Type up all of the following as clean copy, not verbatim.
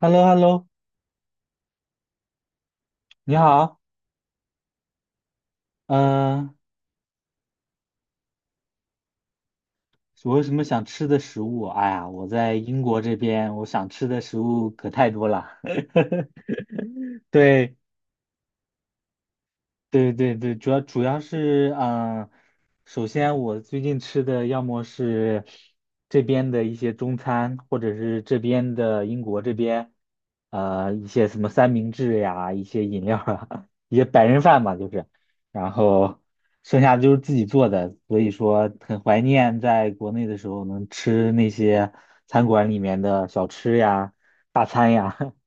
h e l l o h e l l o 你好，嗯、我有什么想吃的食物？哎呀，我在英国这边，我想吃的食物可太多了。对，对对对，主要是，首先我最近吃的要么是这边的一些中餐，或者是这边的英国这边，一些什么三明治呀，一些饮料啊，一些白人饭嘛，就是，然后剩下的就是自己做的，所以说很怀念在国内的时候能吃那些餐馆里面的小吃呀、大餐呀。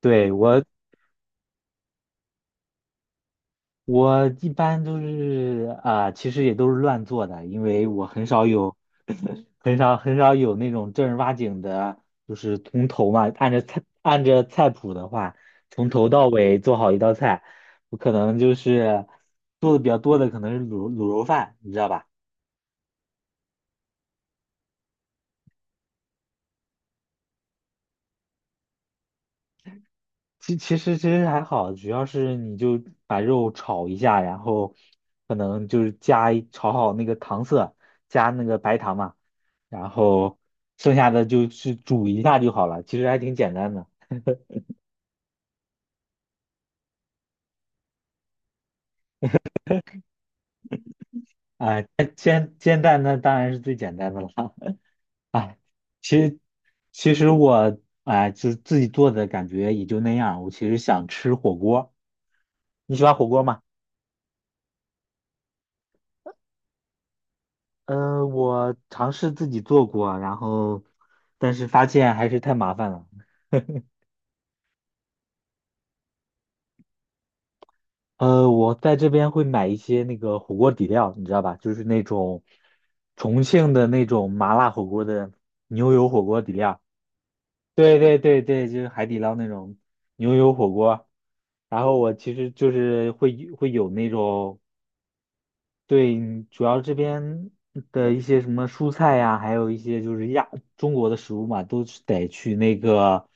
对，我一般都是其实也都是乱做的，因为我很少有那种正儿八经的，就是从头嘛，按着菜谱的话，从头到尾做好一道菜，我可能就是做的比较多的可能是卤肉饭，你知道吧？其实还好，主要是你就把肉炒一下，然后可能就是炒好那个糖色，加那个白糖嘛。然后剩下的就去煮一下就好了，其实还挺简单的。啊、煎蛋那当然是最简单的了。哎，其实其实我就是自己做的感觉也就那样。我其实想吃火锅，你喜欢火锅吗？嗯，我尝试自己做过，然后但是发现还是太麻烦了。我在这边会买一些那个火锅底料，你知道吧？就是那种重庆的那种麻辣火锅的牛油火锅底料。对对对对，就是海底捞那种牛油火锅。然后我其实就是会有那种。对，主要这边的一些什么蔬菜呀，还有一些就是中国的食物嘛，都是得去那个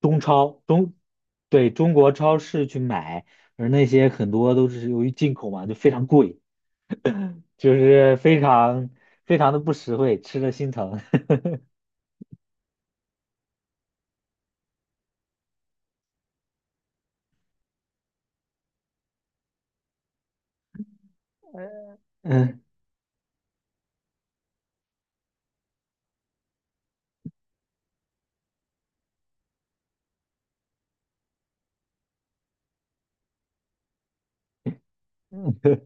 中超，对，中国超市去买，而那些很多都是由于进口嘛，就非常贵，就是非常非常的不实惠，吃的心疼。嗯，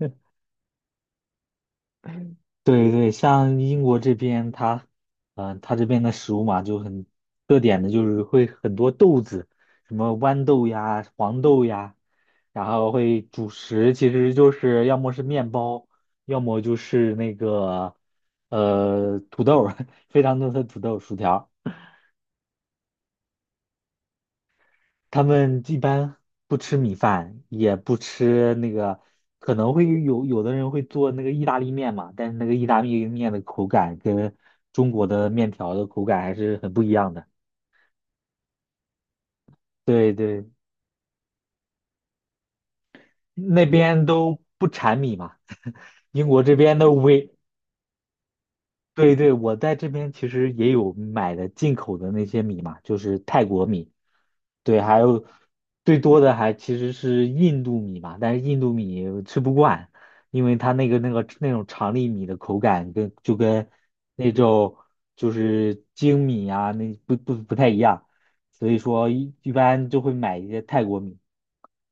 对对，像英国这边它，它这边的食物嘛，就很特点的，就是会很多豆子，什么豌豆呀、黄豆呀，然后会主食，其实就是要么是面包，要么就是那个土豆儿 非常多的土豆、薯条。他们一般不吃米饭，也不吃那个，可能会有有的人会做那个意大利面嘛，但是那个意大利面的口感跟中国的面条的口感还是很不一样的。对对，那边都不产米嘛，英国这边的唯对对，我在这边其实也有买的进口的那些米嘛，就是泰国米，对，还有最多的还其实是印度米嘛，但是印度米吃不惯，因为它那种长粒米的口感跟那种就是精米啊那不太一样，所以说一般就会买一些泰国米，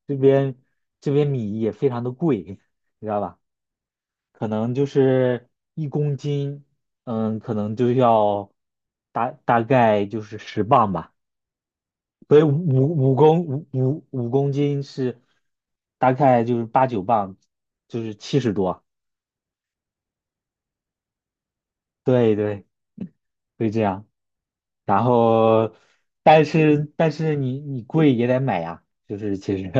这边这边米也非常的贵，你知道吧？可能就是1公斤，嗯，可能就要大概就是10磅吧，所以五公斤是大概就是八九磅，就是70多，对对，会这样。然后，但是你贵也得买呀，就是其实，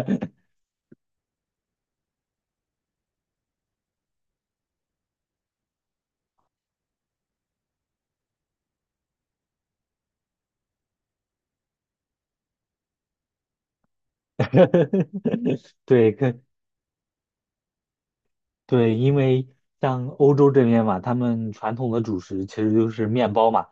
对，对，因为像欧洲这边嘛，他们传统的主食其实就是面包嘛，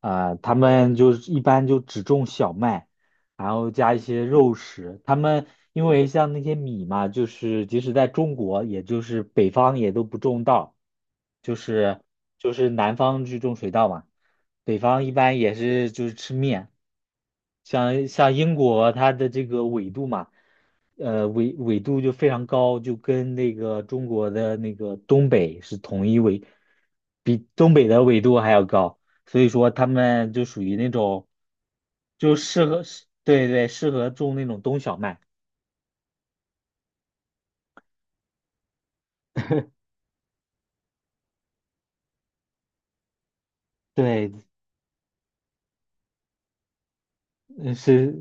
他们就是一般就只种小麦，然后加一些肉食。他们因为像那些米嘛，就是即使在中国，也就是北方也都不种稻，就是就是南方去种水稻嘛，北方一般也是就是吃面。像英国它的这个纬度嘛。呃纬纬度就非常高，就跟那个中国的那个东北是同一纬，比东北的纬度还要高，所以说他们就属于那种，就适合，对对，适合种那种冬小麦，对，嗯是，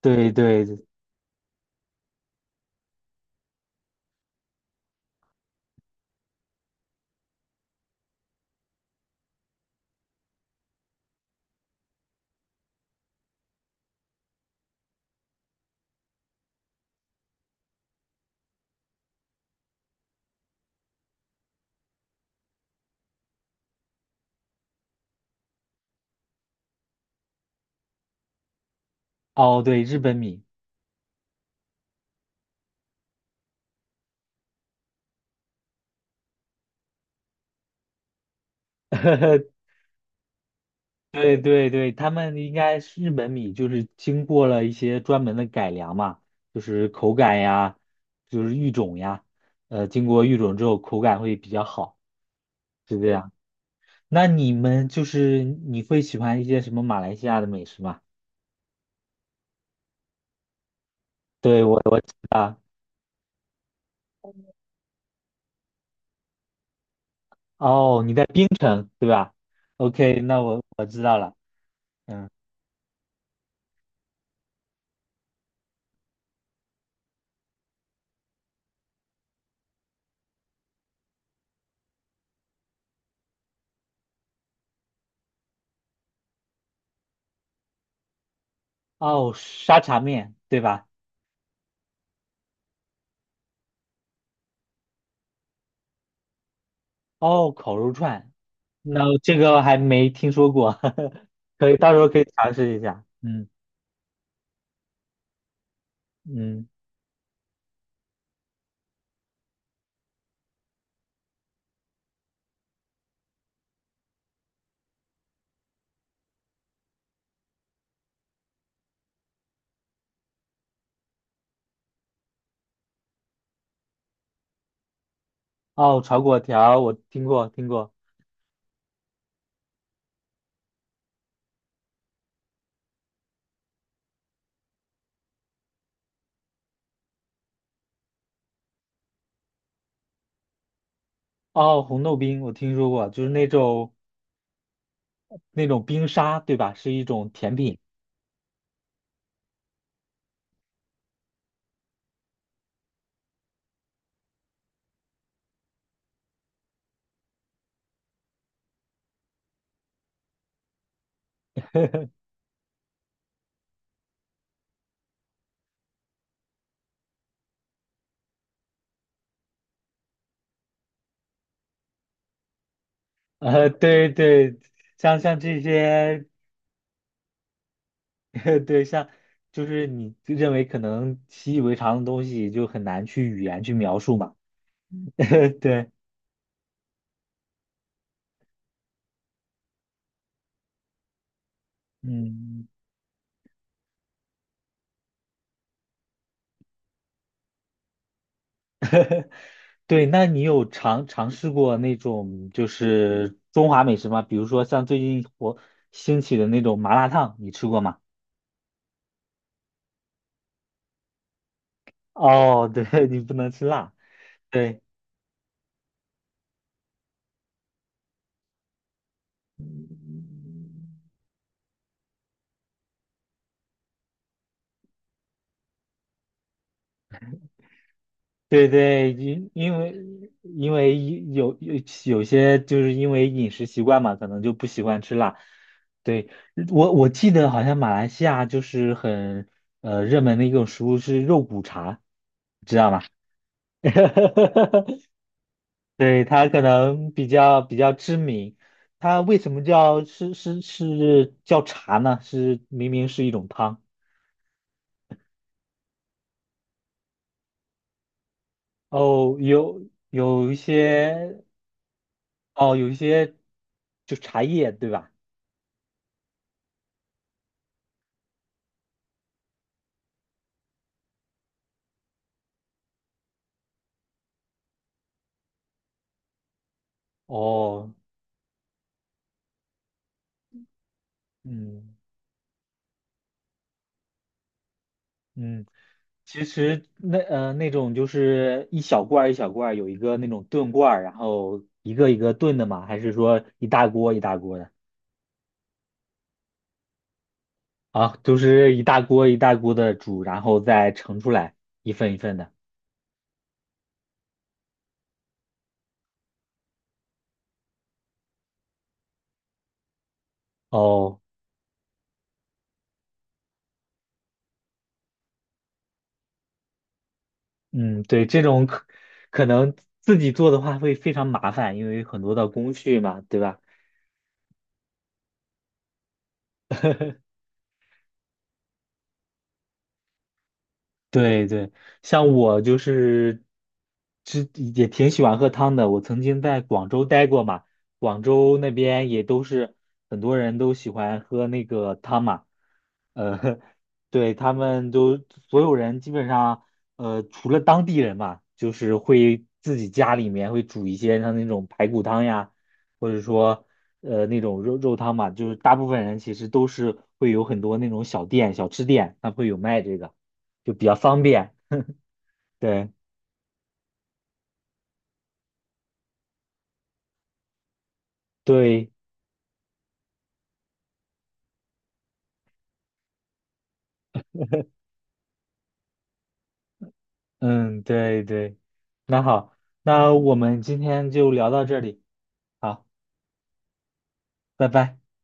对对，哦对，日本米，对对对，他们应该是日本米，就是经过了一些专门的改良嘛，就是口感呀，就是育种呀，经过育种之后口感会比较好，是这样。那你们就是你会喜欢一些什么马来西亚的美食吗？对，我哦，你在槟城对吧？OK,那我知道了，嗯，哦，沙茶面对吧？哦，烤肉串，那这个还没听说过，到时候可以尝试一下，嗯。嗯，哦，炒粿条我听过听过，哦，红豆冰我听说过，就是那种冰沙，对吧？是一种甜品。对对，像这些，对，像就是你认为可能习以为常的东西，就很难去语言去描述嘛。对，嗯，对，那你有尝试过那种就是中华美食吗？比如说像最近兴起的那种麻辣烫，你吃过吗？哦，对，你不能吃辣。对对对，因为有有有些就是因为饮食习惯嘛，可能就不喜欢吃辣。对，我记得好像马来西亚就是很热门的一种食物是肉骨茶，知道吗？对，它可能比较知名。它为什么叫茶呢？是明明是一种汤。哦，有一些就茶叶，对吧？哦，嗯嗯，其实那种就是一小罐儿一小罐儿有一个那种炖罐儿然后一个一个炖的嘛，还是说一大锅一大锅的啊？就是一大锅一大锅的煮，然后再盛出来一份一份的。哦，嗯，对，这种可能自己做的话会非常麻烦，因为很多的工序嘛，对吧？对对，像我就是，这也挺喜欢喝汤的。我曾经在广州待过嘛，广州那边也都是很多人都喜欢喝那个汤嘛。呃，对，他们都所有人基本上，除了当地人嘛，就是会自己家里面会煮一些像那种排骨汤呀，或者说那种肉汤嘛，就是大部分人其实都是会有很多那种小店、小吃店，它会有卖这个。就比较方便。对对，嗯，对对，那好，那我们今天就聊到这里，好，拜拜。